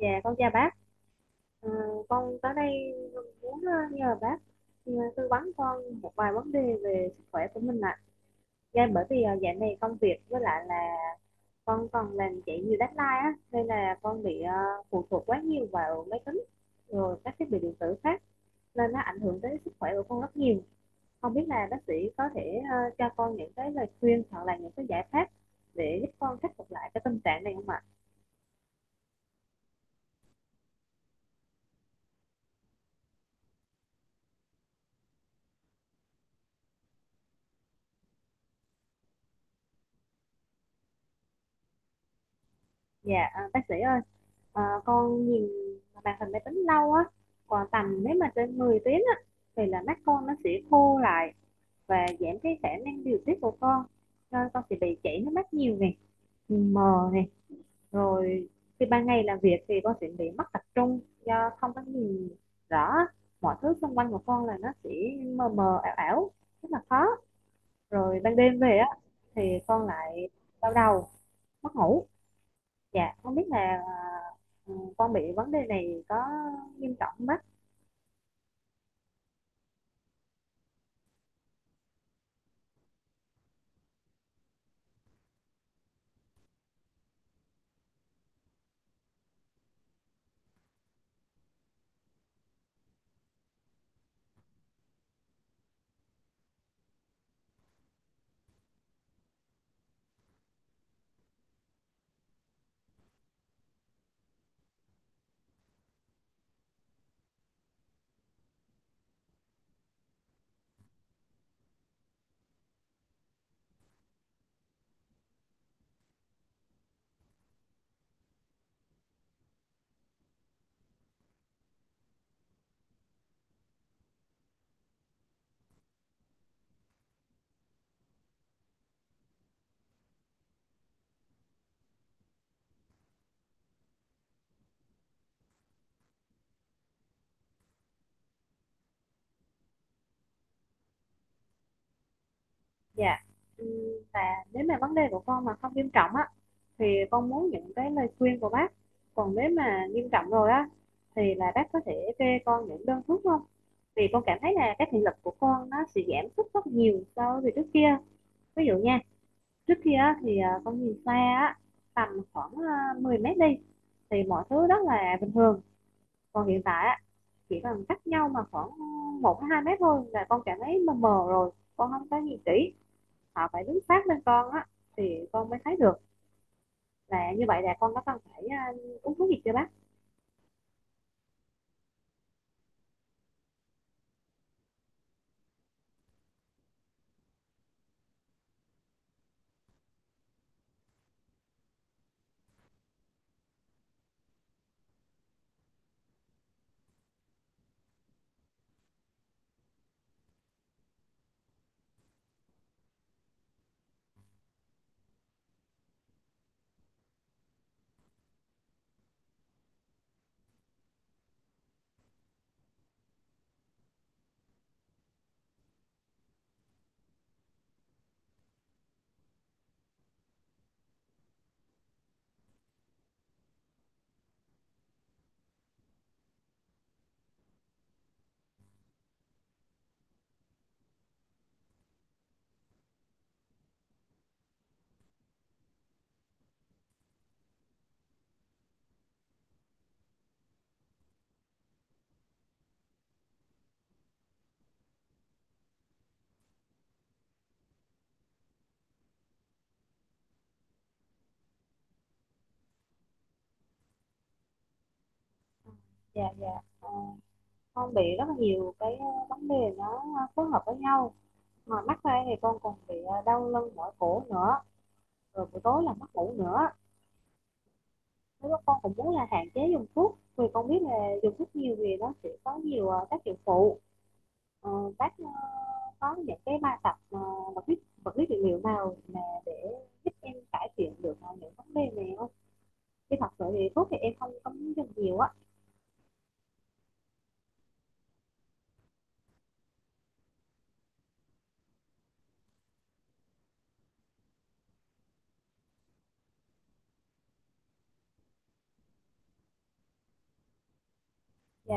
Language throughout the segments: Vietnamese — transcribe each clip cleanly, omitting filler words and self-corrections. Dạ, con chào bác. Ờ, con tới đây muốn nhờ bác tư vấn con một vài vấn đề về sức khỏe của mình ạ. Dạ, bởi vì dạo này công việc với lại là con còn làm chạy nhiều deadline á, nên là con bị phụ thuộc quá nhiều vào máy tính rồi các thiết bị điện tử khác, nên nó ảnh hưởng tới sức khỏe của con rất nhiều. Không biết là bác sĩ có thể cho con những cái lời khuyên hoặc là những cái giải pháp để giúp con khắc phục lại cái tình trạng này không ạ? Dạ, bác sĩ ơi. Con nhìn màn hình máy tính lâu á, còn tầm nếu mà trên 10 tiếng á thì là mắt con nó sẽ khô lại và giảm cái khả năng điều tiết của con, nên con sẽ bị chảy nước mắt nhiều này, nhìn mờ này, rồi khi ban ngày làm việc thì con sẽ bị mất tập trung do không có nhìn rõ mọi thứ xung quanh của con, là nó sẽ mờ mờ ảo ảo, rất là khó. Rồi ban đêm về á thì con lại đau đầu, mất ngủ. Dạ, không biết là con bị vấn đề này có nghiêm trọng không bác? Dạ. Ừm, và nếu mà vấn đề của con mà không nghiêm trọng á, thì con muốn những cái lời khuyên của bác. Còn nếu mà nghiêm trọng rồi á, thì là bác có thể kê con những đơn thuốc không? Vì con cảm thấy là cái thị lực của con nó sẽ giảm sút rất nhiều so với trước kia. Ví dụ nha, trước kia á, thì con nhìn xa á, tầm khoảng 10 mét đi, thì mọi thứ rất là bình thường. Còn hiện tại á, chỉ cần cách nhau mà khoảng một hai mét thôi là con cảm thấy mờ mờ, rồi con không có nhìn kỹ, họ phải đứng sát bên con á thì con mới thấy được. Là như vậy là con có cần phải uống thuốc gì chưa bác? Dạ, dạ. Ờ, con bị rất là nhiều cái vấn đề, nó phối hợp với nhau mà mắc ra, thì con còn bị đau lưng mỏi cổ nữa, rồi buổi tối là mất ngủ nữa. Nếu mà con cũng muốn là hạn chế dùng thuốc, vì con biết là dùng thuốc nhiều thì nó sẽ có nhiều tác dụng phụ. Ờ, bác có những cái bài tập vật lý vật lý trị liệu nào mà để giúp em cải thiện được những vấn đề này không? Khi thật sự thì thuốc thì em không không dùng nhiều á. Dạ,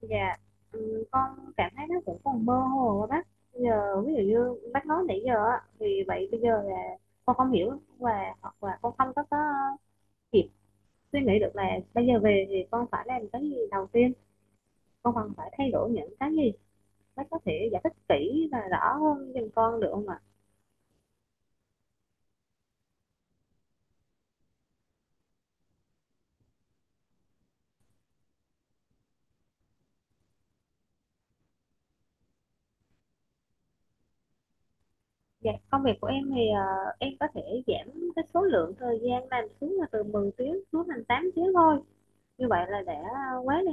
dạ. Ừ, con cảm thấy nó cũng còn mơ hồ á bác. Bây giờ ví dụ như bác nói nãy giờ á, thì vậy bây giờ là con không hiểu, và hoặc là con không có kịp suy nghĩ được là bây giờ về thì con phải làm cái gì đầu tiên, con cần phải thay đổi những cái gì. Bác có thể giải thích kỹ và rõ hơn giùm con được không ạ? Dạ, công việc của em thì em có thể giảm cái số lượng thời gian làm xuống, là từ 10 tiếng xuống thành 8 tiếng thôi. Như vậy là đã quá là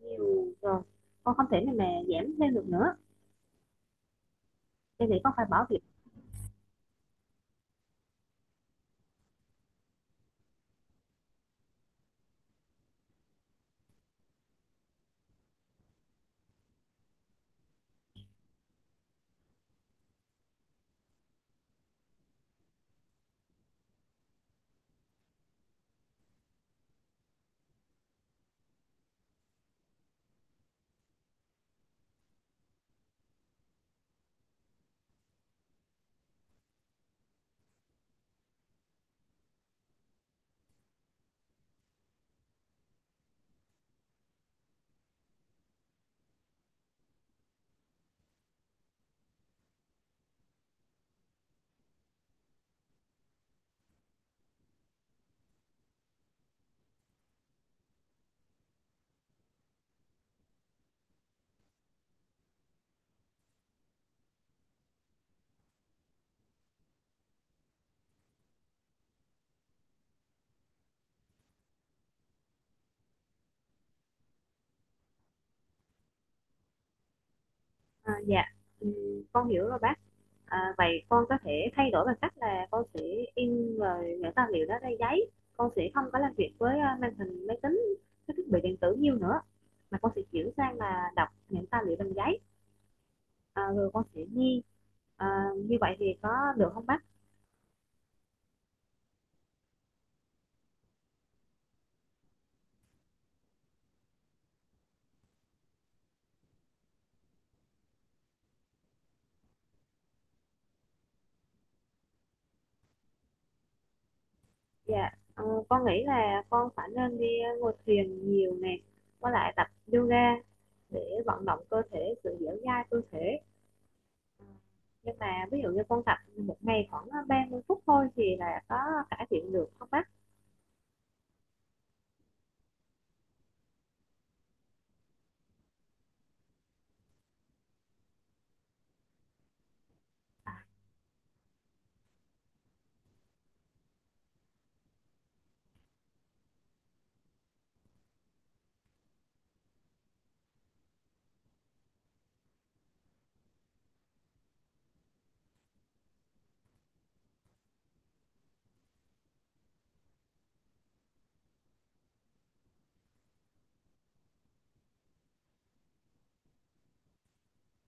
nhiều rồi. Con không thể nào mà giảm thêm được nữa. Em nghĩ con phải bỏ việc. Dạ, Ừm, con hiểu rồi bác. À, vậy con có thể thay đổi bằng cách là con sẽ in rồi những tài liệu đó ra giấy. Con sẽ không có làm việc với màn hình máy tính, cái thiết bị điện tử nhiều nữa. Mà con sẽ chuyển sang là đọc những tài liệu bằng giấy. Rồi con sẽ đi, như vậy thì có được không bác? Dạ, con nghĩ là con phải nên đi ngồi thuyền nhiều nè, với lại tập yoga để vận động cơ thể, sự dẻo dai cơ thể. Ờ, nhưng mà ví dụ như con tập một ngày khoảng 30 phút thôi thì là có cải thiện được không bác?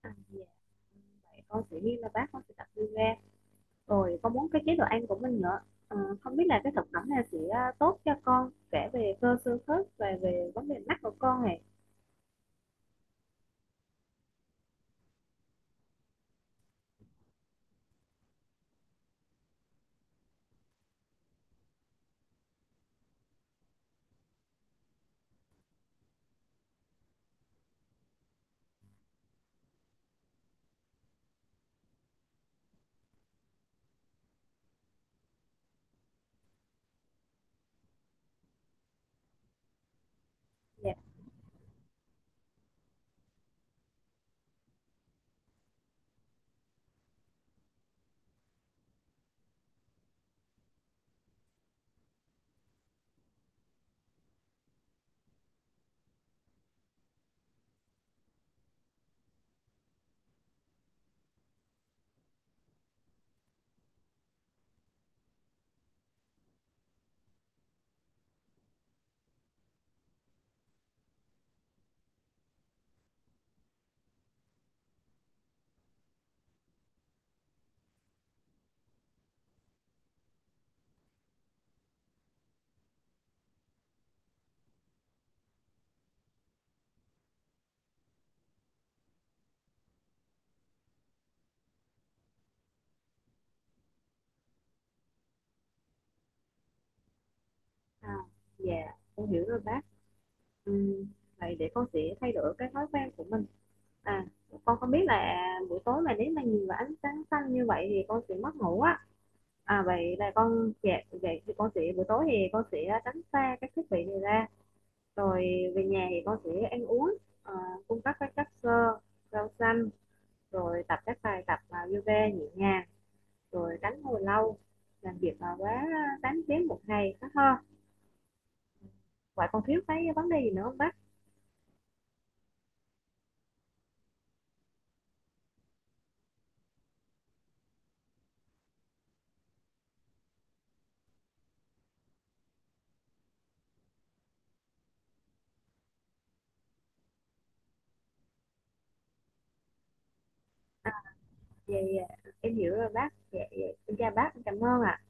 Dạ. Vậy con sẽ ghi là bác, con sẽ tập yoga, rồi con muốn cái chế độ ăn của mình nữa. Không biết là cái thực phẩm này sẽ tốt cho con kể về cơ xương khớp và về vấn đề mắt của con này? Dạ. À, dạ, con hiểu rồi bác. Ừm, Vậy để con sẽ thay đổi cái thói quen của mình. À, con không biết là buổi tối mà nếu mà nhìn vào ánh sáng xanh như vậy thì con sẽ mất ngủ á. À, vậy là con, dạ, vậy thì con sẽ, buổi tối thì con sẽ tránh xa các thiết bị này ra. Rồi về nhà thì con sẽ ăn uống, à, cung cấp các chất xơ, rau xanh, rồi tập các bài tập yoga nhẹ nhàng, rồi tránh ngồi lâu, làm việc mà quá 8 tiếng một ngày đó ha. Vậy con thiếu cái vấn đề gì nữa không bác? Dạ, dạ, em hiểu rồi bác. Dạ, dạ, em chào bác, em cảm ơn ạ.